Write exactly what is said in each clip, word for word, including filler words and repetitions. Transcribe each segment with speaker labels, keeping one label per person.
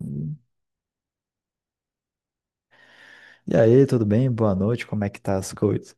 Speaker 1: Hum. E aí, tudo bem? Boa noite, como é que tá as coisas?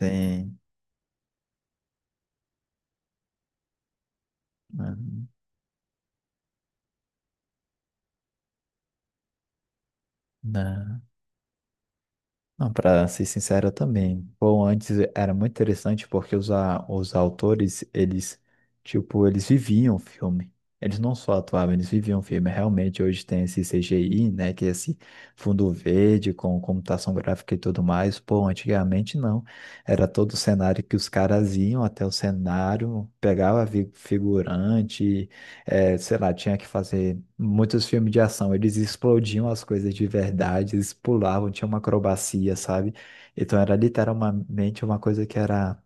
Speaker 1: Sim, né? Né. Não, para ser sincero, eu também. Bom, antes era muito interessante porque os, a- os autores, eles, tipo, eles viviam o filme. Eles não só atuavam, eles viviam o filme. Realmente, hoje tem esse C G I, né, que é esse fundo verde com computação gráfica e tudo mais. Pô, antigamente não. Era todo o cenário que os caras iam até o cenário, pegava vi- figurante, É, sei lá, tinha que fazer muitos filmes de ação. Eles explodiam as coisas de verdade, eles pulavam, tinha uma acrobacia, sabe? Então era literalmente uma coisa que era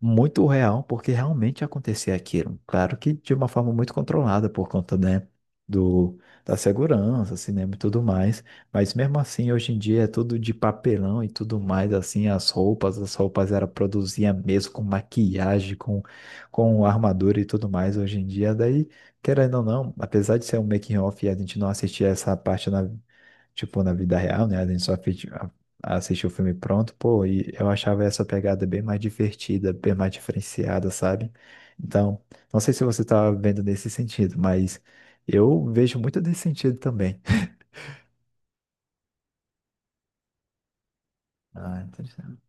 Speaker 1: muito real, porque realmente acontecia aquilo. Claro que de uma forma muito controlada por conta, né, do, da segurança, cinema e tudo mais. Mas mesmo assim, hoje em dia é tudo de papelão e tudo mais, assim, as roupas, as roupas era produzia mesmo com maquiagem, com, com armadura e tudo mais hoje em dia. Daí, querendo ou não, apesar de ser um making off e a gente não assistir essa parte na tipo, na vida real, né? A gente só fi- a- assistiu o filme pronto, pô, e eu achava essa pegada bem mais divertida, bem mais diferenciada, sabe? Então, não sei se você tá vendo nesse sentido, mas eu vejo muito desse sentido também. Ah, interessante.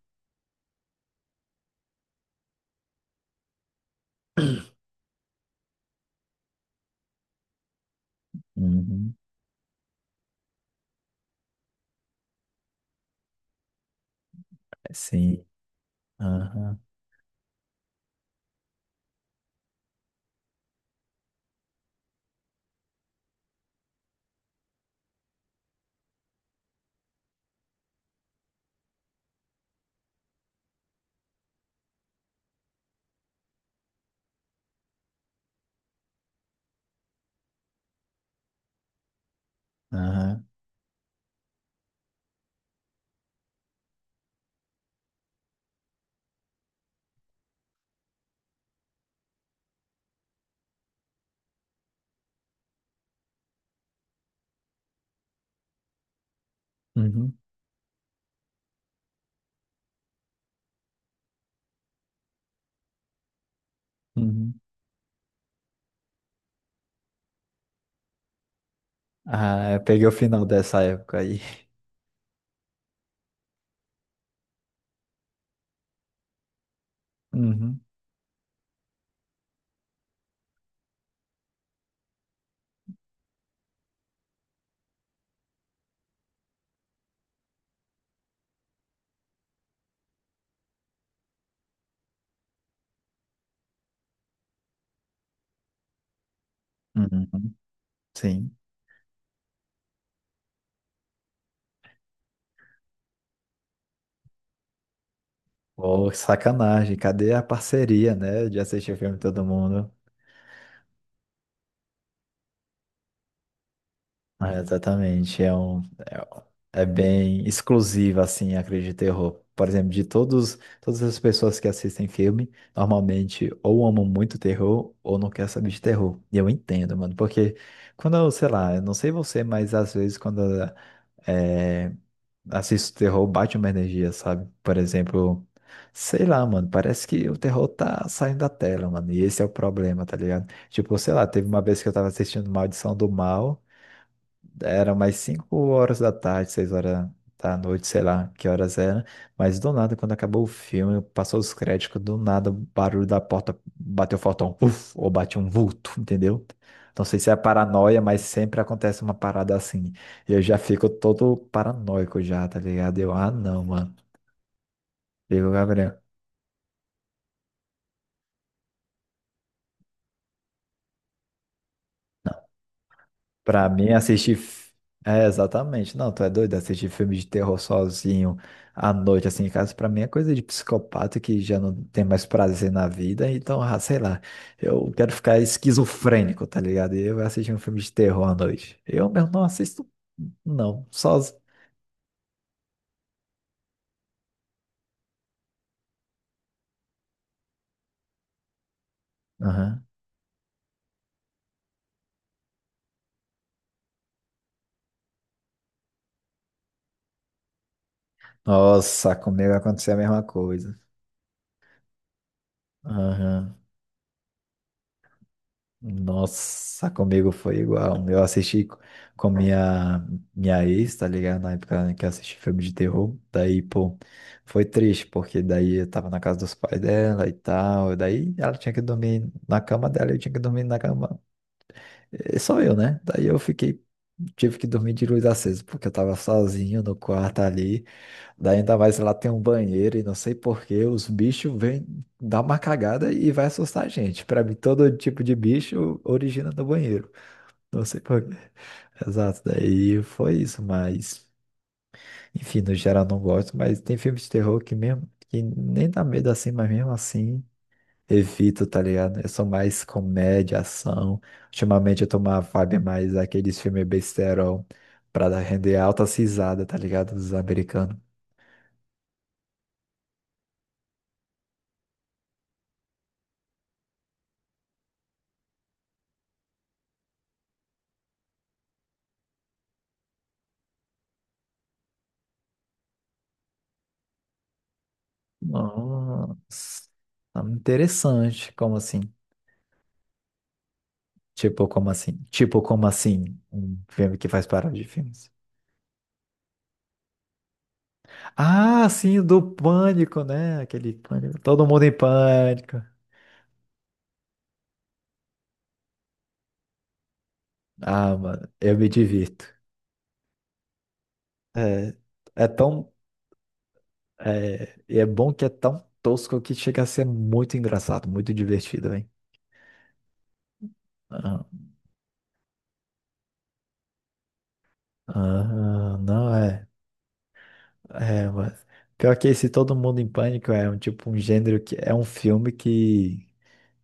Speaker 1: Uhum. Sim. Aham. Aham. Uhum. Uhum. Ah, eu peguei o final dessa época aí. Uhum. Uhum. Sim. Pô, sacanagem. Cadê a parceria, né? De assistir o filme todo mundo? Ah, exatamente. É um, é, um- é bem exclusiva, assim, a crítica de terror. Por exemplo, de todos, todas as pessoas que assistem filme, normalmente ou amam muito terror ou não quer saber de terror. E eu entendo, mano, porque quando eu, sei lá, eu não sei você, mas às vezes quando é, assisto terror, bate uma energia, sabe? Por exemplo, sei lá, mano, parece que o terror tá saindo da tela, mano, e esse é o problema, tá ligado? Tipo, sei lá, teve uma vez que eu tava assistindo Maldição do Mal. Era mais cinco horas da tarde, seis horas da noite, sei lá que horas era. Mas do nada, quando acabou o filme, passou os créditos, do nada o barulho da porta bateu fortão, uf, ou bateu um vulto, entendeu? Não sei se é paranoia, mas sempre acontece uma parada assim. E eu já fico todo paranoico já, tá ligado? Eu, ah, não, mano. Digo, Gabriel. Pra mim, assistir. f- É, exatamente. Não, tu é doido. Assistir filme de terror sozinho à noite, assim, em casa, pra mim é coisa de psicopata que já não tem mais prazer na vida. Então, ah, sei lá. Eu quero ficar esquizofrênico, tá ligado? E eu vou assistir um filme de terror à noite. Eu mesmo não assisto, não. Sozinho. Aham. Nossa, comigo aconteceu a mesma coisa. Aham. Nossa, comigo foi igual. Eu assisti com minha, minha ex, tá ligado? Na época que eu assisti filme de terror. Daí, pô, foi triste, porque daí eu tava na casa dos pais dela e tal. Daí ela tinha que dormir na cama dela, eu tinha que dormir na cama. eh, Só eu, né? Daí eu fiquei, tive que dormir de luz acesa, porque eu tava sozinho no quarto ali. Daí ainda mais lá tem um banheiro e não sei por que os bichos vêm dar uma cagada e vai assustar a gente. Pra mim, todo tipo de bicho origina do banheiro. Não sei por quê. Exato, daí foi isso, mas enfim, no geral não gosto, mas tem filmes de terror que mesmo que nem dá medo assim, mas mesmo assim evito, tá ligado? Eu sou mais comédia, ação. Ultimamente eu tô uma vibe mais aqueles filmes besterol pra dar- render alta cisada, tá ligado? Dos americanos. Nossa, tá interessante. Como assim? Tipo, como assim? Tipo, como assim? Um filme que faz paródia de filmes. Ah, sim, do Pânico, né? Aquele Pânico. Todo Mundo em Pânico. Ah, mano, eu me divirto. É, é tão. É, e é bom que é tão tosco que chega a ser muito engraçado, muito divertido, hein? Ah, ah, não é. É, mas. Pior que esse Todo Mundo em Pânico é um tipo um gênero que. É um filme que.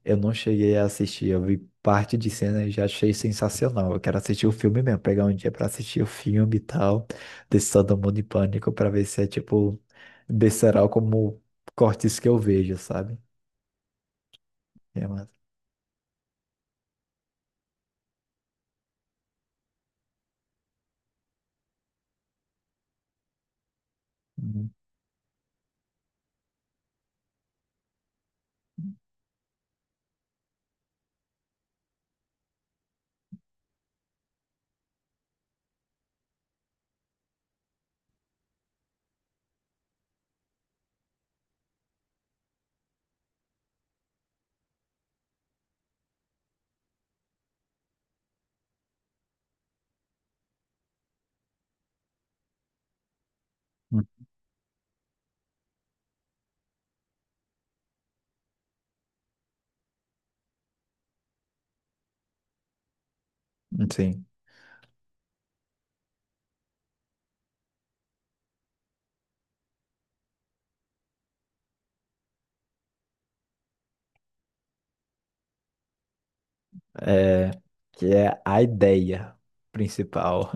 Speaker 1: Eu não cheguei a assistir, eu vi parte de cena e já achei sensacional. Eu quero assistir o filme mesmo, pegar um dia pra assistir o filme e tal, desse Todo Mundo em Pânico, pra ver se é tipo besteirol como cortes que eu vejo, sabe? É, mas... Uhum. Uhum. Sim, é que é a ideia principal.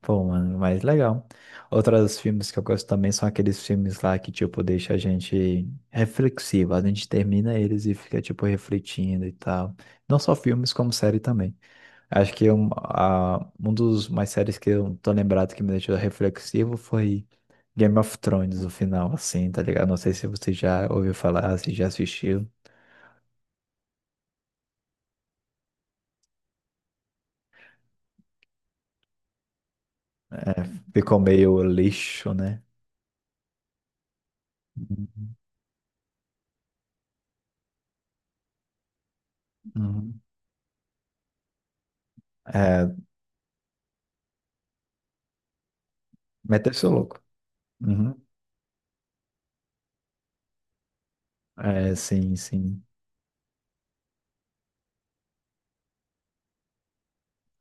Speaker 1: Pô, mano, mas legal. Outros filmes que eu gosto também são aqueles filmes lá que, tipo, deixa a gente reflexivo. A gente termina eles e fica, tipo, refletindo e tal. Não só filmes, como série também. Acho que um, a, um dos mais séries que eu tô lembrado que me deixou reflexivo foi Game of Thrones, o final, assim, tá ligado? Não sei se você já ouviu falar, se já assistiu. É. Ficou meio lixo, né? Uhum. Uhum. É, meteu seu louco. Uhum. É, sim, sim.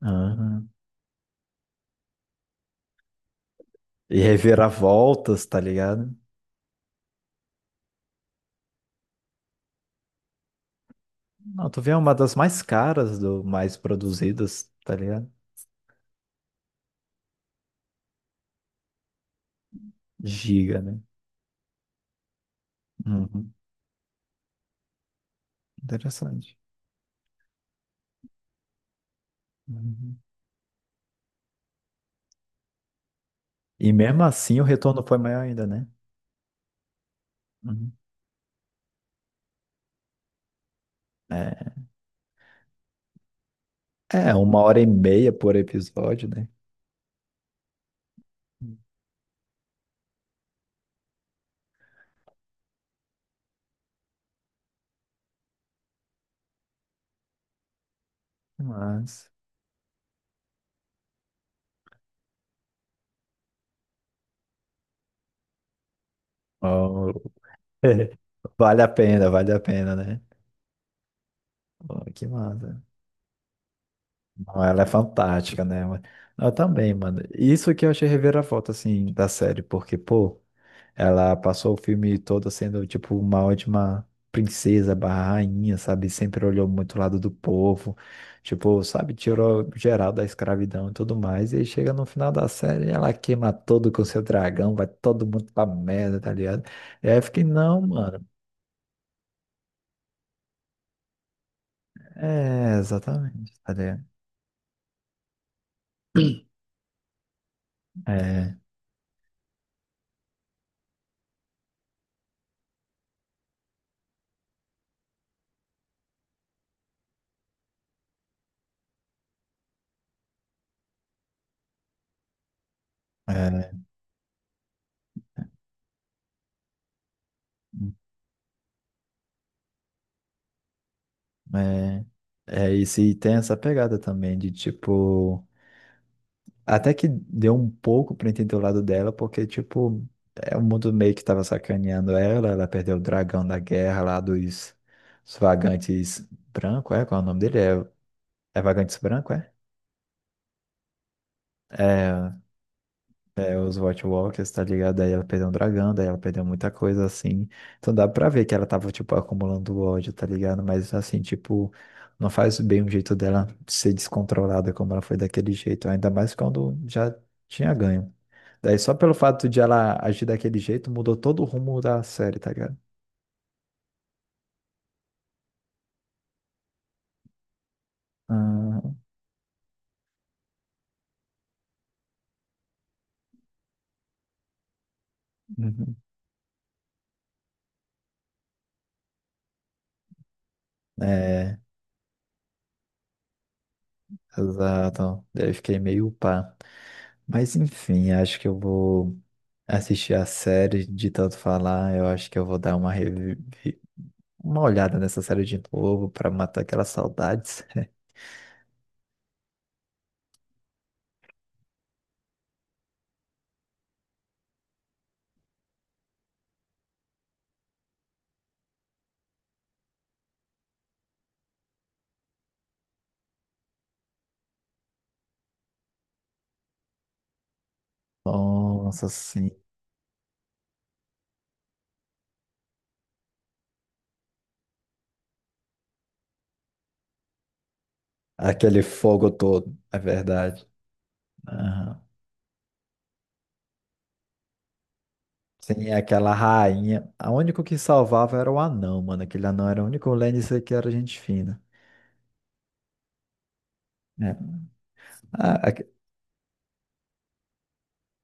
Speaker 1: Ah, e reviravoltas, tá ligado? Não, tu vê uma das mais caras, do mais produzidas, tá ligado? Giga, né? Uhum. Interessante. Uhum. E mesmo assim o retorno foi maior ainda, né? Uhum. É, é, uma hora e meia por episódio, né? Mas. Ó, vale a pena, vale a pena, né? Pô, que massa. Não, ela é fantástica, né, mano? Eu também, mano. Isso que eu achei reviravolta, assim, da série, porque, pô. Ela passou o filme todo sendo, tipo, uma ótima princesa barra rainha, sabe? Sempre olhou muito o lado do povo, tipo, sabe? Tirou geral da escravidão e tudo mais. E aí chega no final da série, ela queima todo com seu dragão, vai todo mundo pra merda, tá ligado? E aí eu fiquei, não, mano. É, exatamente, tá ligado? É, é, é. É, e se tem essa pegada também de, tipo. Até que deu um pouco pra entender o lado dela, porque, tipo, é o mundo meio que tava sacaneando ela, ela perdeu o dragão da guerra lá dos, dos vagantes branco, é? Qual é o nome dele? É, é vagantes branco, é? É, É, os White Walkers, tá ligado? Aí ela perdeu um dragão, daí ela perdeu muita coisa assim. Então dá pra ver que ela tava, tipo, acumulando ódio, tá ligado? Mas assim, tipo, não faz bem o jeito dela ser descontrolada como ela foi daquele jeito. Ainda mais quando já tinha ganho. Daí só pelo fato de ela agir daquele jeito, mudou todo o rumo da série, tá ligado? Ah, uhum. É, exato. Daí eu fiquei meio pá. Mas enfim, acho que eu vou. Assistir a série de tanto falar, eu acho que eu vou dar uma, revi- uma olhada nessa série de novo pra matar aquelas saudades. Nossa, sim. Aquele fogo todo, é verdade. Aham. Sim, aquela rainha. A único que salvava era o anão, mano. Aquele anão era o único Lannister que era gente fina. É. Ah, aque-.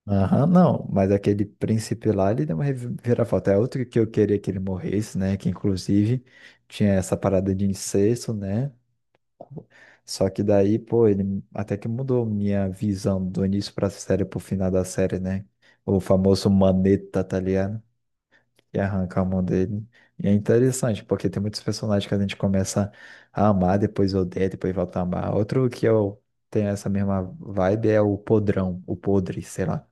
Speaker 1: Aham, não. Mas aquele príncipe lá, ele deu uma reviravolta. É outro que eu queria que ele morresse, né? Que inclusive tinha essa parada de incesto, né? Só que daí, pô, ele até que mudou minha visão do início pra série pro final da série, né? O famoso Maneta, tá ligado? Que arranca a mão dele. E é interessante, porque tem muitos personagens que a gente começa a amar, depois odeia, depois volta a amar. Outro que eu tenho essa mesma vibe é o Podrão, o Podre, sei lá.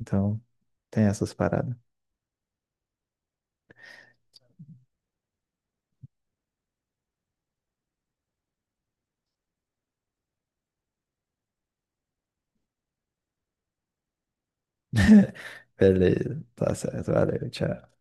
Speaker 1: Então, tem essas paradas. Beleza, tá certo, valeu, tchau.